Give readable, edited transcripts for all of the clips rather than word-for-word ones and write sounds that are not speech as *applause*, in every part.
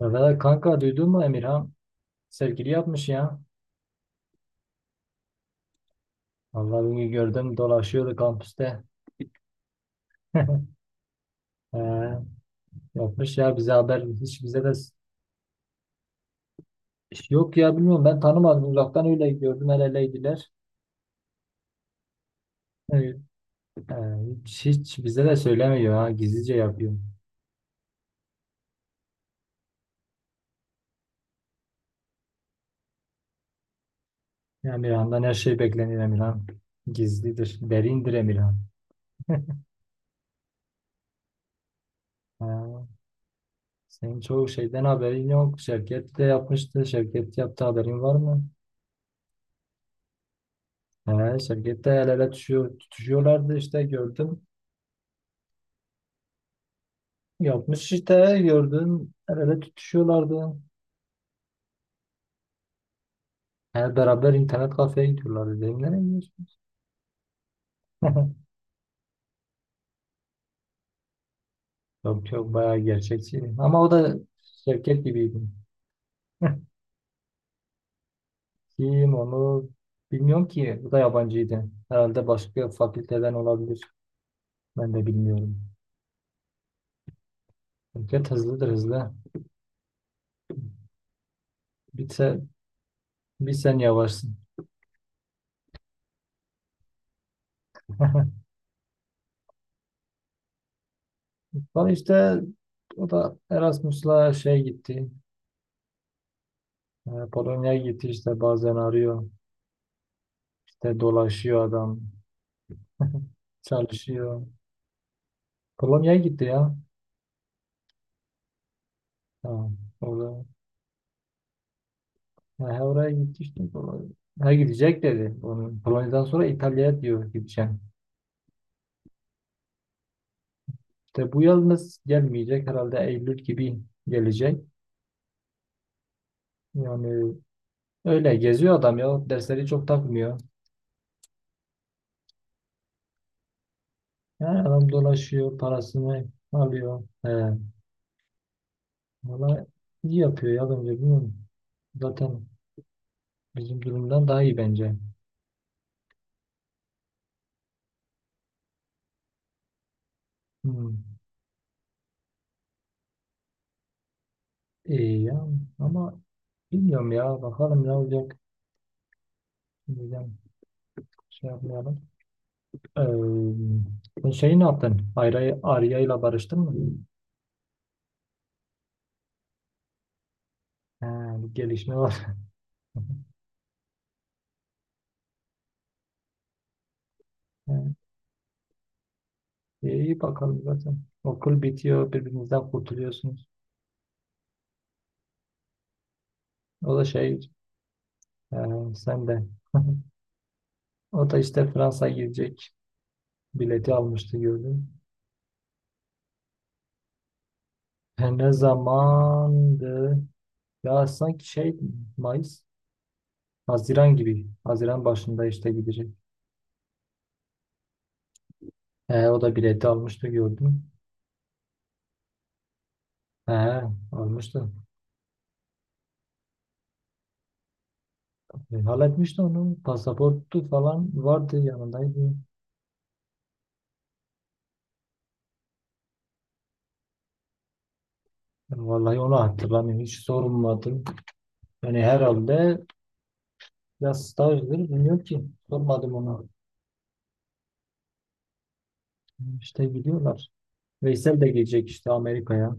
Ya valla kanka, duydun mu Emirhan? Sevgili yapmış ya. Vallahi bugün gördüm, dolaşıyordu kampüste. *laughs* Ee, yapmış ya, bize haber hiç, bize de yok ya, bilmiyorum, ben tanımadım, uzaktan öyle gördüm, el eleydiler. Evet. Ee, e, hiç bize de söylemiyor, ha, gizlice yapıyor. Ya Emirhan'dan her şey beklenir Emirhan. Gizlidir, derindir Emirhan. Ee, senin çoğu şeyden haberin yok. Şevket de yapmıştı. Şevket yaptı, haberin var mı? He, şirkette el ele tutuşuyorlardı işte, gördüm. Yapmış işte, gördüm. El ele tutuşuyorlardı. He, beraber internet kafeye gidiyorlardı. Dedim, nereye gidiyorsunuz? *laughs* Yok yok, bayağı gerçekçi. Ama o da şirket gibiydi. *laughs* Kim onu bilmiyorum ki. Bu da yabancıydı. Herhalde başka fakülteden olabilir. Ben de bilmiyorum. Şirket hızlıdır, hızlı. Bir, se- Bir sen yavaşsın. *laughs* Sonra işte o da Erasmus'la şey gitti. Polonya'ya gitti işte, bazen arıyor. İşte dolaşıyor adam. Çalışıyor. Polonya'ya gitti ya. Ha, orada. Ha, he, Oraya gitti işte. Polonya. Ha, gidecek dedi. Onu, Polonya'dan sonra İtalya'ya diyor, gideceğim. İşte bu yalnız gelmeyecek. Herhalde eylül gibi gelecek. Yani öyle geziyor adam ya. Dersleri çok takmıyor. Ha, adam dolaşıyor. Parasını alıyor. He, valla iyi yapıyor ya, bence, bilmiyorum. Zaten bizim durumdan daha iyi bence. Hmm. İyi ya ama bilmiyorum ya, bakalım ne olacak. Bilmiyorum, şey yapmayalım. Sen şeyi ne yaptın? Arya ile barıştın mı? Ha, bir gelişme var. *laughs* Ha, iyi, bakalım zaten. Okul bitiyor, birbirinizden kurtuluyorsunuz. O da şey, e, sen de. *laughs* O da işte Fransa'ya gidecek. Bileti almıştı, gördüm. Ne zamandı? Ya sanki şey mayıs, haziran gibi. Haziran başında işte gidecek. He, o da bileti almıştı, gördüm. He, almıştı. Halletmişti onu. Pasaportu falan vardı, yanındaydı. Yani vallahi onu hatırlamıyorum. Hiç sormadım. Yani herhalde ya stajdır, bilmiyorum ki. Sormadım ona. İşte gidiyorlar. Veysel de gelecek işte Amerika'ya.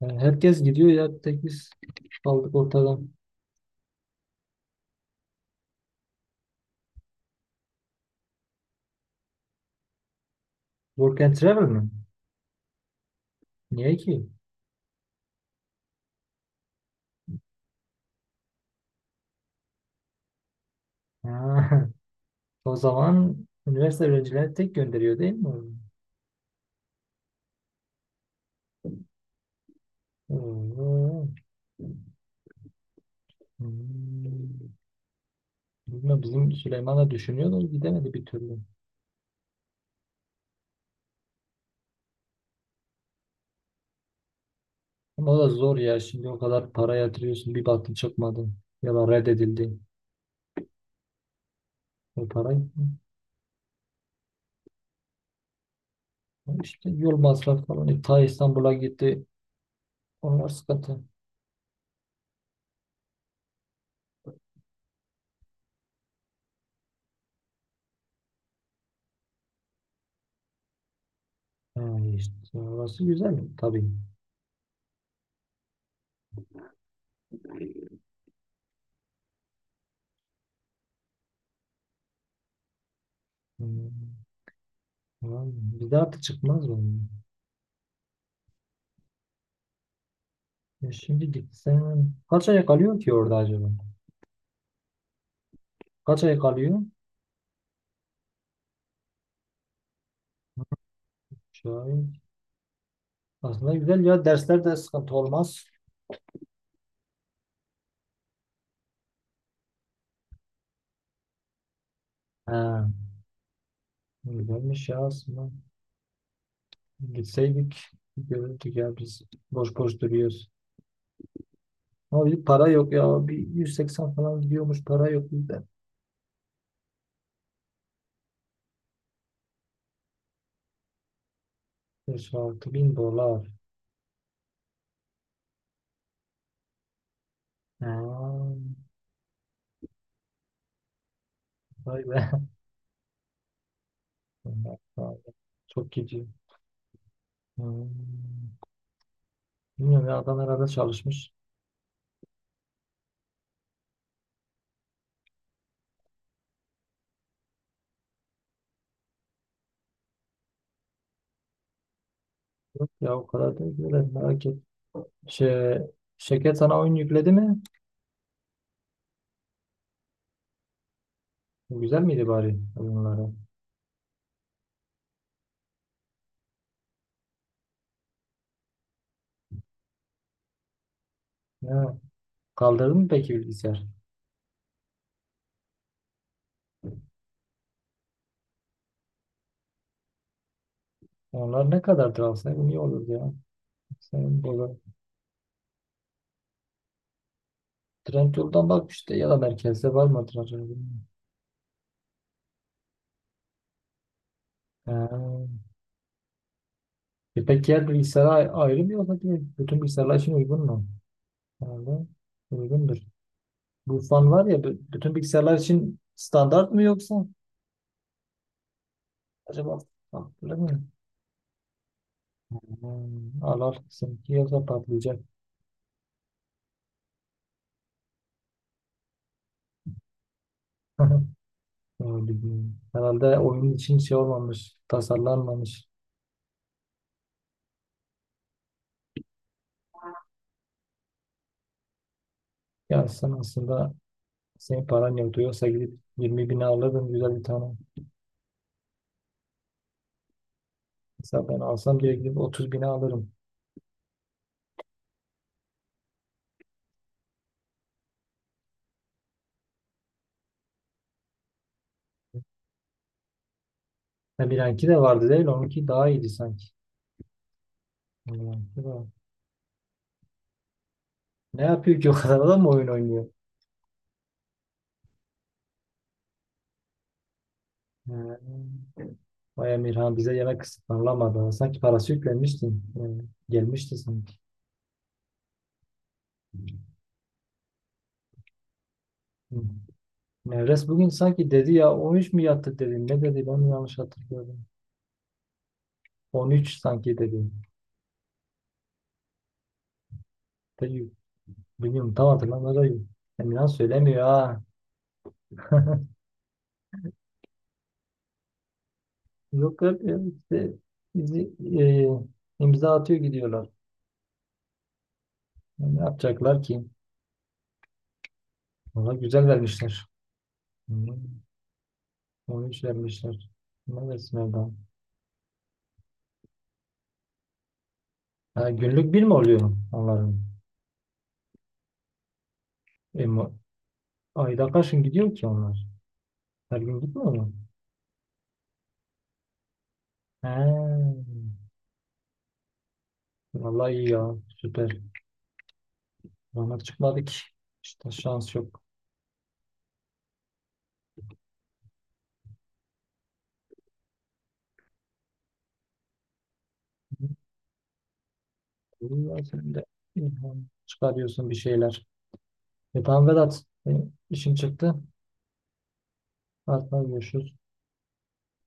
Yani herkes gidiyor ya. Tek biz kaldık ortada. Work and travel mi? Niye ki? Ha, *laughs* o zaman üniversite öğrencileri tek gönderiyor değil mi? Hmm. Bilmiyorum, bizim Süleyman da düşünüyor da gidemedi bir türlü. Ama o da zor ya. Şimdi o kadar para yatırıyorsun, bir baktın çıkmadı. Ya da reddedildi. O para gitti. İşte yol masrafı falan. Ta İstanbul'a gitti. Onlar sıkıntı. Ha, işte orası güzel tabii. Hmm. Tamam. Bir de artık çıkmaz mı? Ya şimdi gitsen kaç ay kalıyor ki orada acaba? Kaç ay kalıyor? Şahit. Aslında güzel ya, dersler de sıkıntı olmaz. Ha, güzelmiş ya aslında. Gitseydik görürdük ya, biz boş boş duruyoruz. Ama bir para yok ya. Bir 180 falan gidiyormuş, para yok bizde. 5-6 bin dolar. Aa, vay be. *laughs* Bunlar pahalı. Çok gidiyor. Hmm. Bilmiyorum ya, adam herhalde çalışmış. Yok ya, o kadar da böyle merak et. Şey, şirket sana oyun yükledi mi? Güzel miydi bari oyunları? Ne? Kaldırdın mı peki bilgisayar? Onlar ne kadardır, alsaydım iyi olurdu ya. Sen Trendyol'dan bak işte, ya da merkezde var mıdır acaba, bilmiyorum. Ha. E peki diğer bilgisayara ayrı mı yoksa direkt bütün bilgisayarlar için uygun mu? Herhalde uygundur. Bu fan var ya, bütün bilgisayarlar için standart mı yoksa? Acaba farklı mı? Hmm, al al, seninki yoksa patlayacak. *laughs* Öyle bilmiyorum. Herhalde oyun için şey olmamış, tasarlanmamış. Ya sen aslında, senin paran yoktu, yoksa gidip 20 bine alırdın güzel bir tane. Mesela ben alsam direkt gidip 30 bine alırım. Ha, Bilenki de vardı değil. Onunki daha iyiydi sanki. Bilenki de var. Ne yapıyor ki o kadar adam, oyun oynuyor? Ha, vay Emirhan bize yemek ısmarlamadı. Sanki parası yüklenmişti. Ha, gelmişti sanki. Hı. Nevres bugün sanki dedi ya, 13 mi yattı dedi. Ne dedi, ben mi yanlış hatırlıyorum. 13 sanki dedi. Dedi, bilmiyorum, tam hatırlamıyorum. Emirhan söylemiyor ha. Yok yok yok, işte bizi e, imza atıyor gidiyorlar. Ne yapacaklar ki? Valla güzel vermişler. Hı. 13 vermişler. Ne da sınavdan. Ha, günlük bir mi oluyor onların? E, mu- ayda kaç gün gidiyor ki onlar? Her gün gitmiyor mu? He. Vallahi iyi ya. Süper. Bana çıkmadı ki. İşte şans yok. İyi ya, sen de ilham çıkarıyorsun bir şeyler. E tamam Vedat. Benim işim çıktı. Artık görüşürüz.